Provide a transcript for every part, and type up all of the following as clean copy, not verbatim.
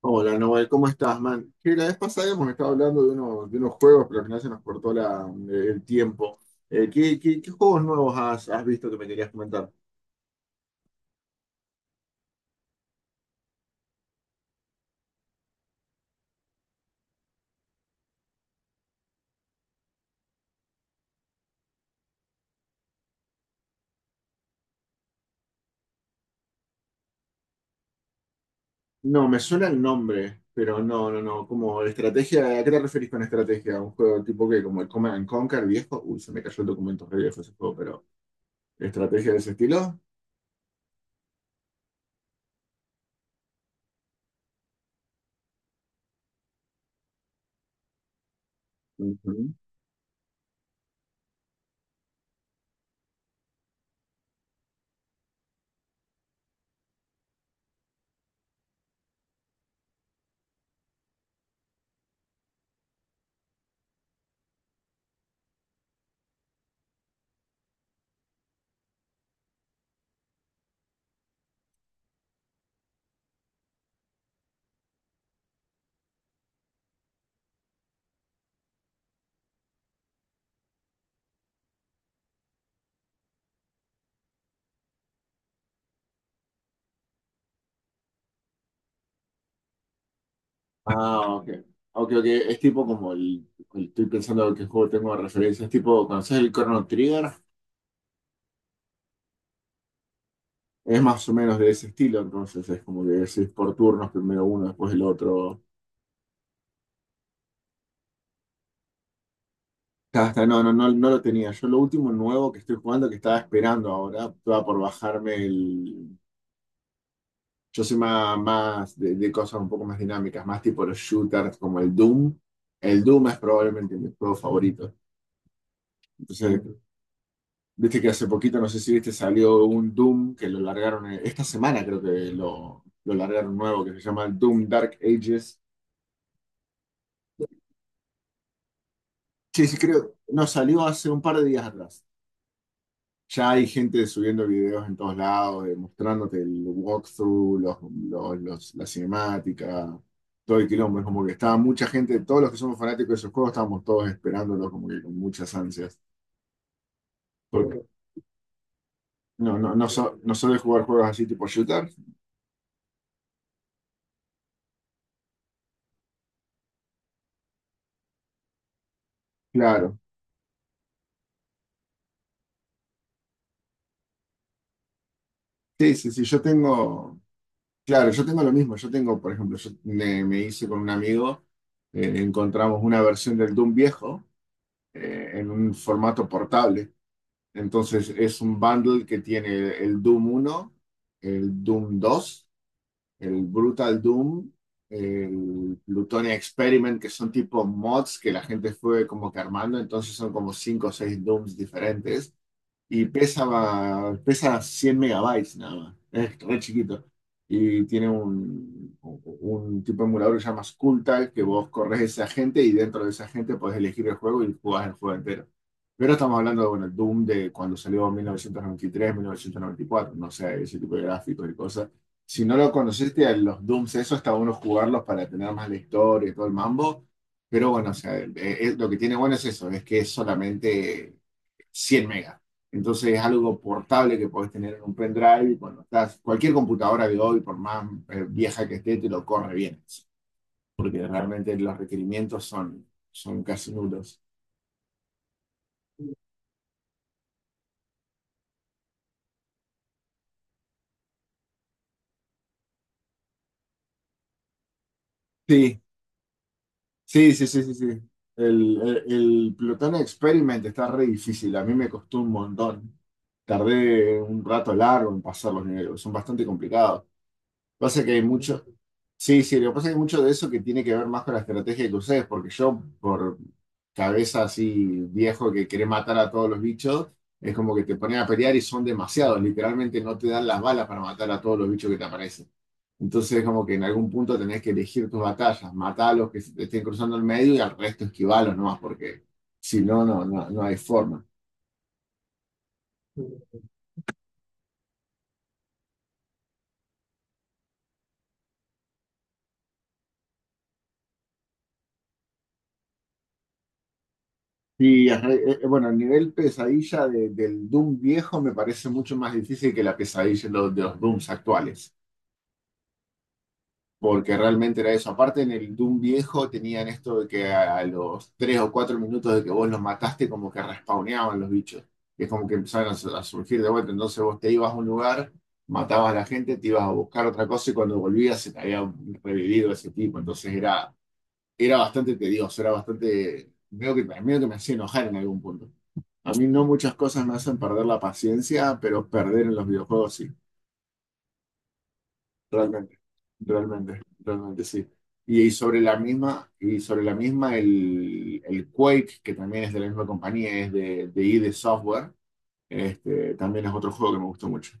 Hola, Noel, ¿cómo estás, man? Que la vez pasada hemos estado hablando de unos juegos, pero al final se nos cortó el tiempo. ¿Qué juegos nuevos has visto que me querías comentar? No, me suena el nombre, pero no, no, no. Como estrategia, ¿a qué te referís con estrategia? ¿Un juego tipo que como el Command and Conquer viejo? Uy, se me cayó el documento re viejo ese juego, pero ¿estrategia de ese estilo? Ujú. Ah, ok. Ok, ok. Es tipo como estoy pensando en qué juego tengo de referencia. Es tipo, ¿conoces el Chrono Trigger? Es más o menos de ese estilo, entonces es como que es por turnos, primero uno, después el otro. Ya está, no, no, no, no lo tenía. Yo lo último nuevo que estoy jugando, que estaba esperando ahora, estaba por bajarme el. Yo soy más de cosas un poco más dinámicas, más tipo los shooters como el Doom. El Doom es probablemente mi juego favorito. Entonces, viste que hace poquito, no sé si viste, salió un Doom que lo largaron, esta semana creo que lo largaron nuevo, que se llama el Doom Dark Ages. Sí, sí, creo, no, salió hace un par de días atrás. Ya hay gente subiendo videos en todos lados, mostrándote el walkthrough, la cinemática, todo el quilombo. Es como que estaba mucha gente, todos los que somos fanáticos de esos juegos, estábamos todos esperándolo como que con muchas ansias. Porque no suele jugar juegos así tipo shooter. Claro. Sí, sí, sí, yo tengo, claro, yo tengo lo mismo. Yo tengo, por ejemplo, yo me hice con un amigo, encontramos una versión del Doom viejo, en un formato portable. Entonces es un bundle que tiene el Doom uno, el Doom 2, el Brutal Doom, el Plutonia Experiment, que son tipo mods que la gente fue como que armando, entonces son como 5 o 6 Dooms diferentes y pesa, pesa 100 MB nada más, es re chiquito. Y tiene un tipo de emulador que se llama Skulltag, que vos corres ese agente y dentro de ese agente podés elegir el juego y jugás el juego entero. Pero estamos hablando de, bueno, Doom de cuando salió en mil novecientos noventa y tres 1994, no sé, ese tipo de gráficos y cosas. Si no lo conociste, a los Dooms, eso está bueno jugarlos para tener más la historia y todo el mambo. Pero bueno, o sea, lo que tiene bueno es eso, es que es solamente 100 megas. Entonces es algo portable que podés tener en un pendrive y cuando estás, cualquier computadora de hoy, por más vieja que esté, te lo corre bien, porque realmente los requerimientos son, son casi nulos. Sí, sí, sí, sí, sí, sí. El Plutón Experiment está re difícil, a mí me costó un montón. Tardé un rato largo en pasar los niveles, son bastante complicados. Pasa que hay mucho. Sí, sí, lo que pasa es que mucho de eso que tiene que ver más con la estrategia que ustedes, porque yo, por cabeza así viejo que quiere matar a todos los bichos, es como que te ponen a pelear y son demasiados, literalmente no te dan las balas para matar a todos los bichos que te aparecen. Entonces es como que en algún punto tenés que elegir tus batallas, matar a los que se te estén cruzando el medio y al resto esquivalos nomás, porque si no, no hay forma. Y ajá, bueno, el nivel pesadilla del Doom viejo me parece mucho más difícil que la pesadilla de los Dooms actuales. Porque realmente era eso. Aparte, en el Doom viejo tenían esto de que a los 3 o 4 minutos de que vos los mataste, como que respawneaban los bichos. Y es como que empezaron a surgir de vuelta. Entonces vos te ibas a un lugar, matabas a la gente, te ibas a buscar otra cosa y cuando volvías se te había revivido ese tipo. Entonces era, era bastante tedioso, era bastante. Veo que, medio que me hacía enojar en algún punto. A mí no muchas cosas me hacen perder la paciencia, pero perder en los videojuegos sí. Realmente, realmente, realmente sí. Y sobre la misma, el Quake, que también es de la misma compañía, es de ID Software, también es otro juego que me gustó mucho.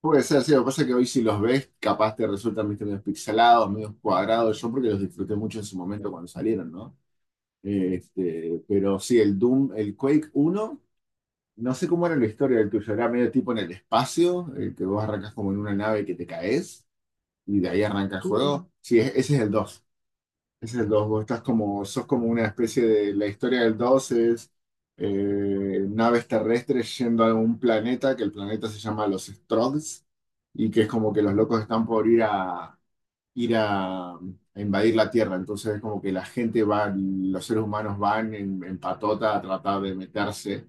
Puede ser, sí, lo que pasa es que hoy si los ves, capaz te resultan ¿viste? Medio pixelados, medio cuadrados, yo porque los disfruté mucho en su momento cuando salieron, ¿no? Pero sí, el Doom, el Quake uno no sé cómo era la historia del tuyo, era medio tipo en el espacio, el que vos arrancas como en una nave que te caes. Y de ahí arranca el juego. Sí, ese es el dos. Ese es el dos. Vos estás sos como una especie de, la historia del 2 es naves terrestres yendo a un planeta, que el planeta se llama los Strogs, y que es como que los locos están por ir a invadir la Tierra. Entonces es como que la gente va, los seres humanos van en patota a tratar de meterse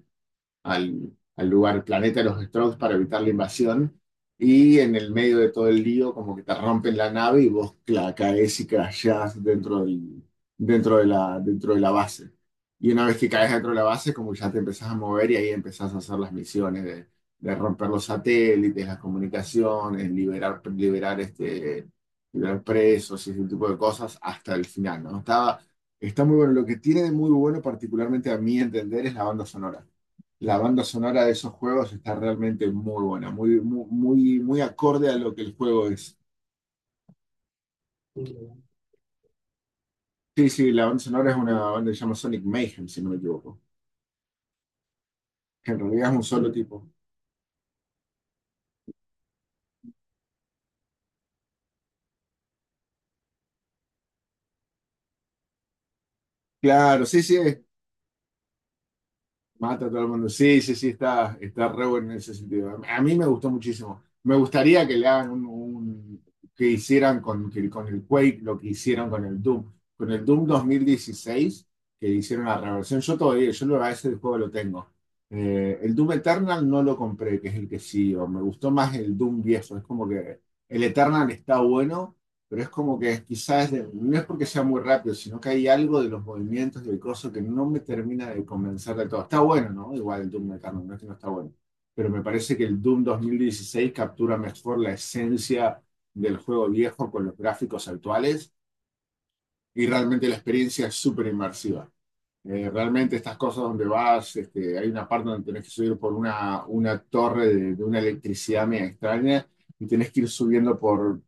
al, al lugar, el planeta de los Strokes para evitar la invasión. Y en el medio de todo el lío, como que te rompen la nave y vos caes y crashás dentro del, dentro de la base. Y una vez que caes dentro de la base, como ya te empezás a mover y ahí empezás a hacer las misiones de romper los satélites, las comunicaciones, liberar, liberar presos y ese tipo de cosas hasta el final, ¿no? Está muy bueno. Lo que tiene de muy bueno, particularmente a mi entender, es la banda sonora. La banda sonora de esos juegos está realmente muy buena, muy, muy, muy, muy acorde a lo que el juego es. Sí, sí, la banda sonora es una banda que se llama Sonic Mayhem, si no me equivoco, que en realidad es un solo tipo. Claro, sí, sí, mata a todo el mundo. Sí, sí, sí, está, está re bueno en ese sentido. A mí me gustó muchísimo. Me gustaría que le hagan un, que hicieran con el Quake lo que hicieron con el Doom. Con el Doom 2016 que hicieron la reversión. Yo todavía, a ese juego lo tengo. El Doom Eternal no lo compré, que es el que sigo. Me gustó más el Doom viejo. Es como que el Eternal está bueno, pero es como que quizás no es porque sea muy rápido, sino que hay algo de los movimientos del coso que no me termina de convencer de todo. Está bueno, ¿no? Igual el Doom Metal no es que no está bueno, pero me parece que el Doom 2016 captura mejor la esencia del juego viejo con los gráficos actuales y realmente la experiencia es súper inmersiva. Realmente estas cosas donde vas, hay una parte donde tenés que subir por una torre de una electricidad media extraña y tenés que ir subiendo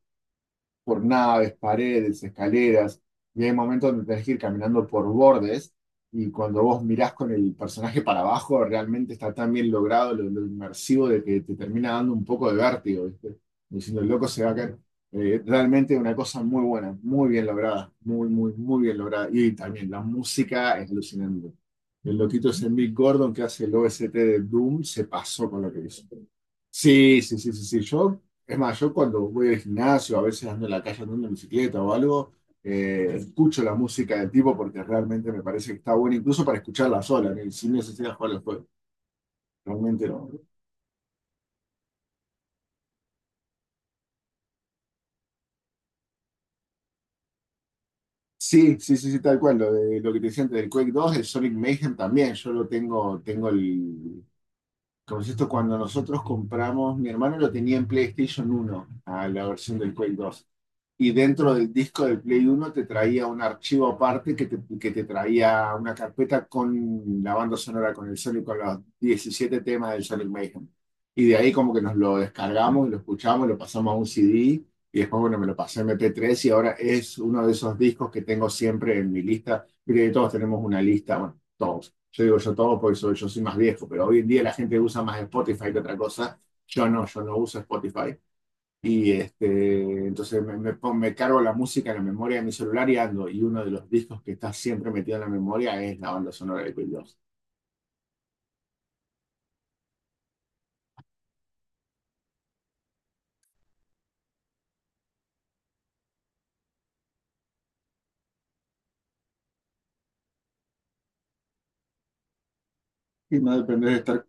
por naves, paredes, escaleras, y hay momentos donde tenés que ir caminando por bordes, y cuando vos mirás con el personaje para abajo, realmente está tan bien logrado lo inmersivo de que te termina dando un poco de vértigo, ¿viste? Diciendo, el loco se va a caer. Realmente una cosa muy buena, muy bien lograda, muy, muy, muy bien lograda. Y también la música es alucinante. El loquito ese Mick Gordon que hace el OST de Doom se pasó con lo que hizo. Sí, sí, sí, sí, sí. Yo, es más, yo cuando voy al gimnasio, a veces ando en la calle andando en bicicleta o algo, escucho la música del tipo porque realmente me parece que está buena, incluso para escucharla sola, ¿no? Sin necesidad de jugar al juego. Realmente no. Sí, sí, sí, sí, tal cual. Lo que te decía antes del Quake 2, el Sonic Mayhem también. Yo lo tengo, tengo el. Como es esto, cuando nosotros compramos, mi hermano lo tenía en PlayStation 1, a la versión del Quake 2. Y dentro del disco del Play 1 te traía un archivo aparte que te traía una carpeta con la banda sonora, con el Sonic, con los 17 temas del Sonic Mayhem. Y de ahí como que nos lo descargamos y lo escuchamos, lo pasamos a un CD y después, bueno, me lo pasé a MP3 y ahora es uno de esos discos que tengo siempre en mi lista. Mire, todos tenemos una lista, bueno, todos. Yo digo yo todos porque yo soy más viejo, pero hoy en día la gente usa más Spotify que otra cosa. Yo no, yo no uso Spotify. Y entonces me cargo la música en la memoria de mi celular y ando. Y uno de los discos que está siempre metido en la memoria es la banda sonora de Queen. Y no depender de estar,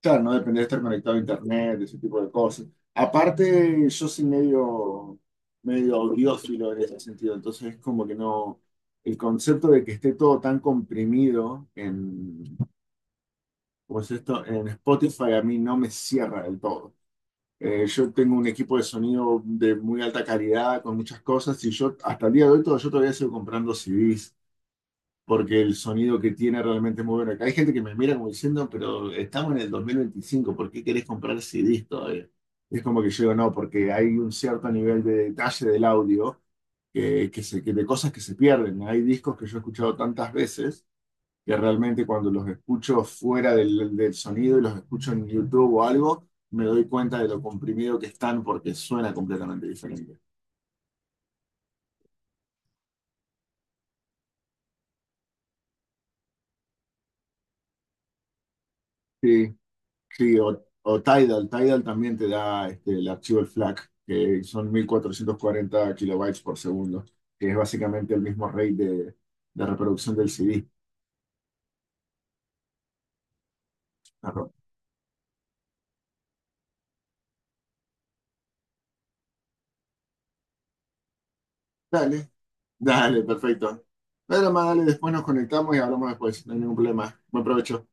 claro, no depender de estar conectado a internet, ese tipo de cosas. Aparte, yo soy medio, medio audiófilo en ese sentido. Entonces es como que no, el concepto de que esté todo tan comprimido en, ¿cómo es esto? En Spotify a mí no me cierra del todo. Yo tengo un equipo de sonido de muy alta calidad, con muchas cosas, y yo hasta el día de hoy todo, yo todavía sigo comprando CDs, porque el sonido que tiene realmente es muy bueno. Acá hay gente que me mira como diciendo, pero estamos en el 2025, ¿por qué querés comprar CDs todavía? Y es como que yo digo, no, porque hay un cierto nivel de detalle del audio que de cosas que se pierden. Hay discos que yo he escuchado tantas veces que realmente cuando los escucho fuera del sonido y los escucho en YouTube o algo, me doy cuenta de lo comprimido que están porque suena completamente diferente. Sí, sí, o Tidal también te da el archivo el FLAC, que son 1440 kilobytes por segundo, que es básicamente el mismo rate de reproducción del CD. Arro- Dale, dale, perfecto. Dale, más, dale, después nos conectamos y hablamos después, no hay ningún problema. Buen provecho.